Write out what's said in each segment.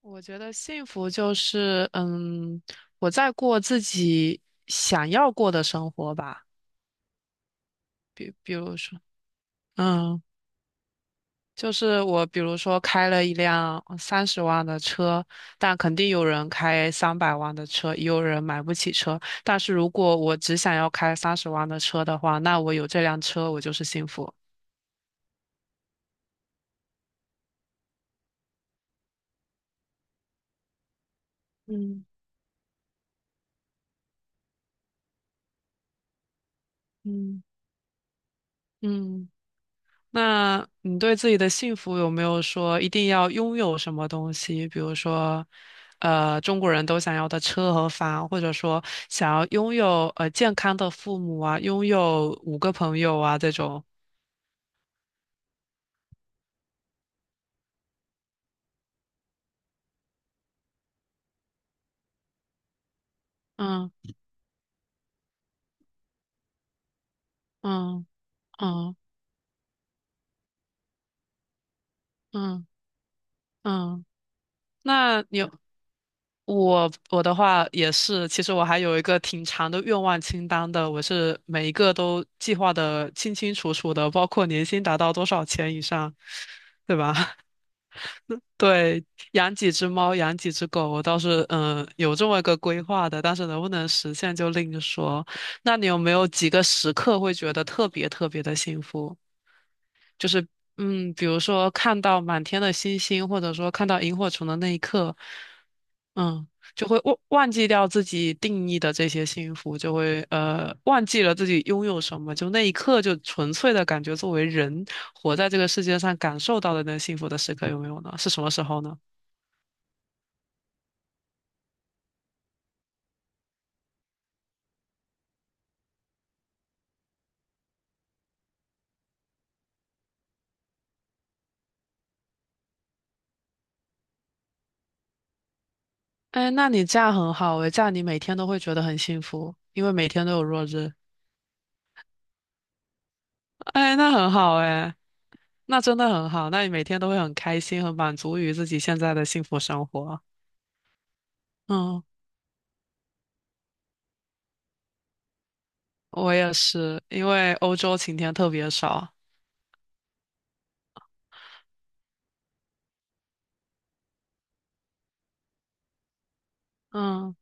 我觉得幸福就是，我在过自己想要过的生活吧。比如说，嗯，就是我比如说开了一辆三十万的车，但肯定有人开300万的车，也有人买不起车。但是如果我只想要开三十万的车的话，那我有这辆车，我就是幸福。嗯嗯嗯。那你对自己的幸福有没有说一定要拥有什么东西？比如说，中国人都想要的车和房，或者说想要拥有健康的父母啊，拥有五个朋友啊这种。嗯嗯嗯嗯嗯。那你有我我的话也是，其实我还有一个挺长的愿望清单的，我是每一个都计划的清清楚楚的，包括年薪达到多少钱以上，对吧？对，养几只猫，养几只狗，我倒是有这么一个规划的，但是能不能实现就另说。那你有没有几个时刻会觉得特别特别的幸福？就是比如说看到满天的星星，或者说看到萤火虫的那一刻，嗯，就会忘记掉自己定义的这些幸福，就会忘记了自己拥有什么，就那一刻就纯粹的感觉，作为人活在这个世界上感受到的那幸福的时刻有没有呢？是什么时候呢？哎，那你这样很好诶，这样你每天都会觉得很幸福，因为每天都有落日。哎，那很好哎，那真的很好，那你每天都会很开心，很满足于自己现在的幸福生活。嗯，我也是，因为欧洲晴天特别少。嗯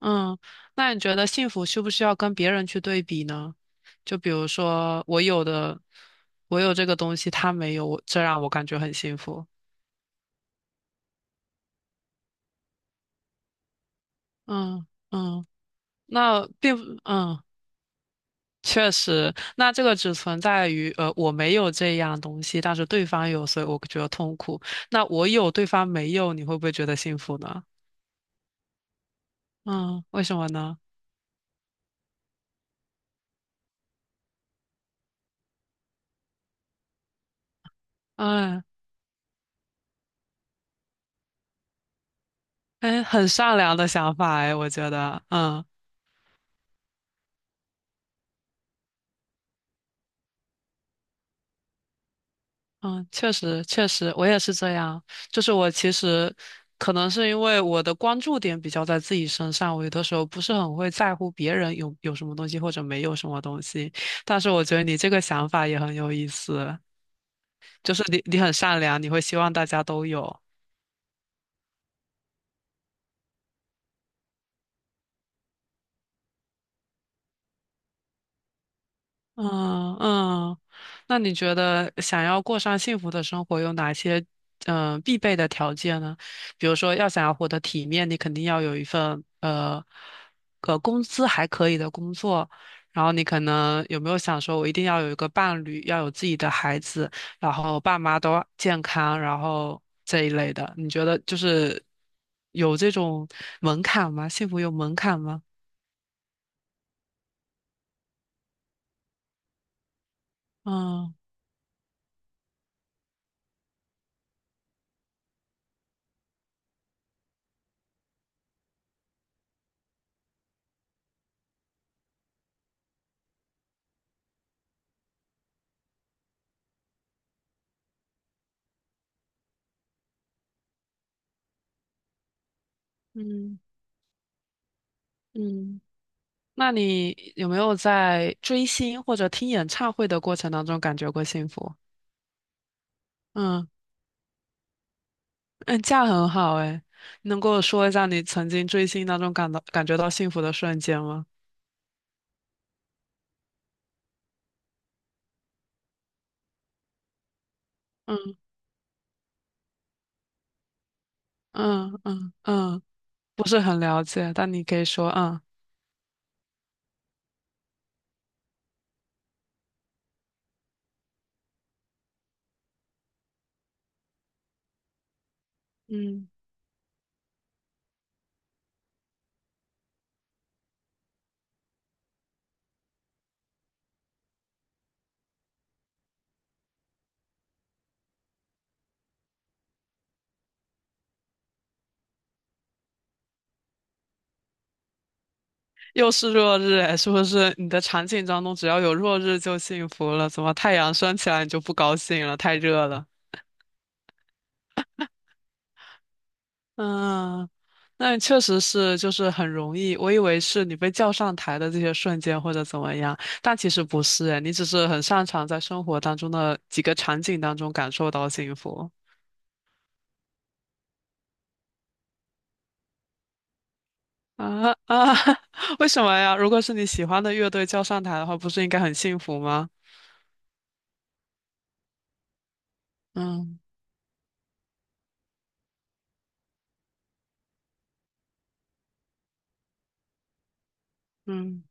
嗯，那你觉得幸福需不需要跟别人去对比呢？就比如说我有的，我有这个东西，他没有，我这让我感觉很幸福。嗯嗯，那并不。确实，那这个只存在于我没有这样东西，但是对方有，所以我觉得痛苦。那我有，对方没有，你会不会觉得幸福呢？嗯，为什么呢？嗯，哎，很善良的想法哎，我觉得，嗯，确实确实，我也是这样。就是我其实可能是因为我的关注点比较在自己身上，我有的时候不是很会在乎别人有什么东西或者没有什么东西。但是我觉得你这个想法也很有意思。就是你很善良，你会希望大家都有。嗯嗯，那你觉得想要过上幸福的生活有哪些必备的条件呢？比如说，要想要活得体面，你肯定要有一份工资还可以的工作。然后你可能有没有想说，我一定要有一个伴侣，要有自己的孩子，然后爸妈都健康，然后这一类的。你觉得就是有这种门槛吗？幸福有门槛吗？嗯。嗯嗯，那你有没有在追星或者听演唱会的过程当中感觉过幸福？嗯嗯，这样很好诶，能跟我说一下你曾经追星当中感到感觉到幸福的瞬间吗？嗯嗯嗯嗯，不是很了解，但你可以说啊嗯，又是落日诶，是不是你的场景当中只要有落日就幸福了？怎么太阳升起来你就不高兴了？太热了。嗯，那确实是，就是很容易。我以为是你被叫上台的这些瞬间或者怎么样，但其实不是诶，你只是很擅长在生活当中的几个场景当中感受到幸福啊啊！为什么呀？如果是你喜欢的乐队叫上台的话，不是应该很幸福吗？嗯嗯。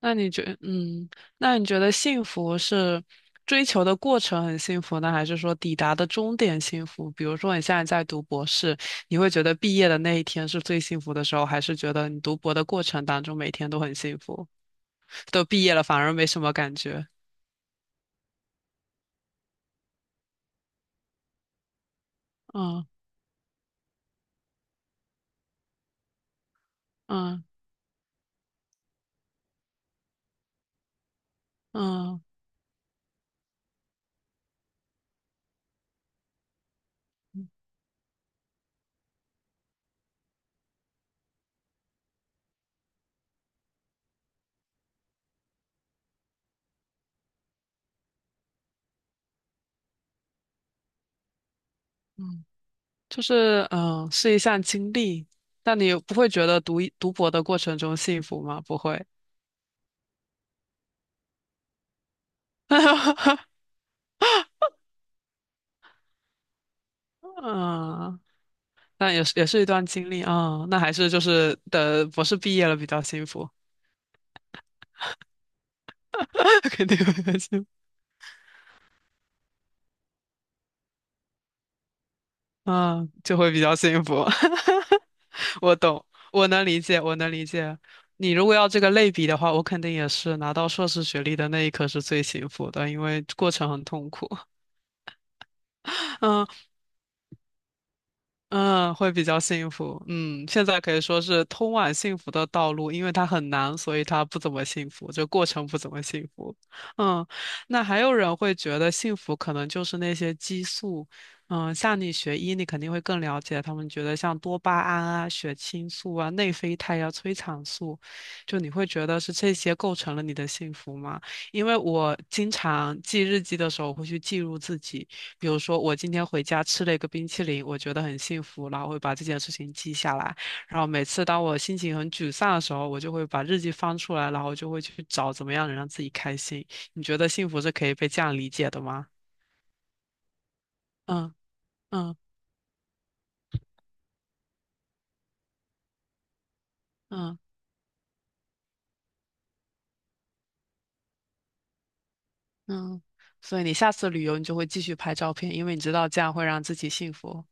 那你觉，嗯，那你觉得幸福是追求的过程很幸福呢，还是说抵达的终点幸福？比如说你现在在读博士，你会觉得毕业的那一天是最幸福的时候，还是觉得你读博的过程当中每天都很幸福，都毕业了反而没什么感觉？嗯嗯嗯嗯，就是是一项经历，但你不会觉得读博的过程中幸福吗？不会。嗯那也是一段经历啊，那还是就是等博士毕业了比较幸福，肯定会很幸福啊，就会比较幸福。我懂，我能理解，我能理解。你如果要这个类比的话，我肯定也是拿到硕士学历的那一刻是最幸福的，因为过程很痛苦。嗯。嗯，会比较幸福。嗯，现在可以说是通往幸福的道路，因为它很难，所以它不怎么幸福，就过程不怎么幸福。嗯，那还有人会觉得幸福可能就是那些激素。嗯，像你学医，你肯定会更了解。他们觉得像多巴胺啊、血清素啊、内啡肽啊、催产素，就你会觉得是这些构成了你的幸福吗？因为我经常记日记的时候会去记录自己。比如说，我今天回家吃了一个冰淇淋，我觉得很幸福，然后会把这件事情记下来。然后每次当我心情很沮丧的时候，我就会把日记翻出来，然后就会去找怎么样能让自己开心。你觉得幸福是可以被这样理解的吗？嗯嗯嗯嗯。所以你下次旅游，你就会继续拍照片，因为你知道这样会让自己幸福。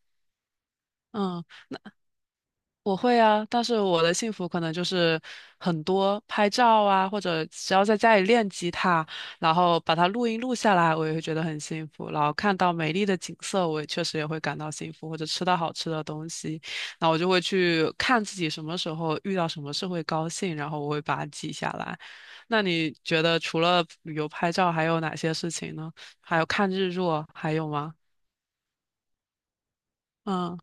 嗯。我会啊，但是我的幸福可能就是很多拍照啊，或者只要在家里练吉他，然后把它录音录下来，我也会觉得很幸福。然后看到美丽的景色，我也确实也会感到幸福，或者吃到好吃的东西，那我就会去看自己什么时候遇到什么事会高兴，然后我会把它记下来。那你觉得除了旅游拍照，还有哪些事情呢？还有看日落，还有吗？嗯。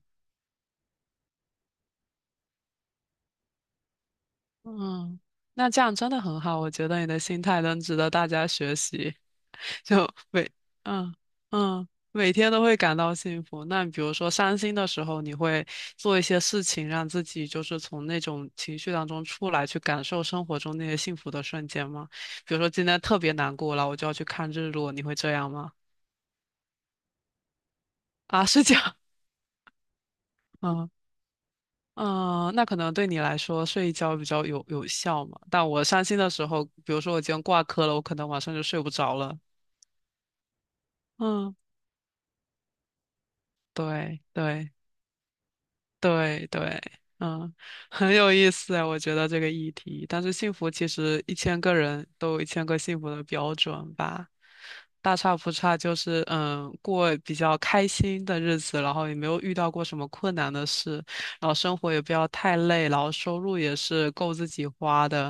嗯，那这样真的很好，我觉得你的心态能值得大家学习。就每嗯嗯每天都会感到幸福。那比如说伤心的时候，你会做一些事情，让自己就是从那种情绪当中出来，去感受生活中那些幸福的瞬间吗？比如说今天特别难过了，我就要去看日落，你会这样吗？啊，是这样，嗯。嗯，那可能对你来说睡一觉比较有效嘛。但我伤心的时候，比如说我今天挂科了，我可能晚上就睡不着了。嗯，对对，对对，嗯，很有意思啊，我觉得这个议题。但是幸福其实一千个人都有一千个幸福的标准吧，大差不差，就是过比较开心的日子，然后也没有遇到过什么困难的事，然后生活也不要太累，然后收入也是够自己花的，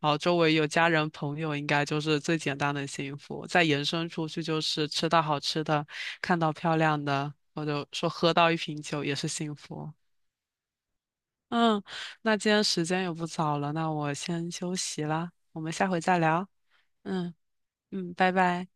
然后周围有家人朋友，应该就是最简单的幸福。再延伸出去就是吃到好吃的，看到漂亮的，或者说喝到一瓶酒也是幸福。嗯，那今天时间也不早了，那我先休息了，我们下回再聊。嗯嗯，拜拜。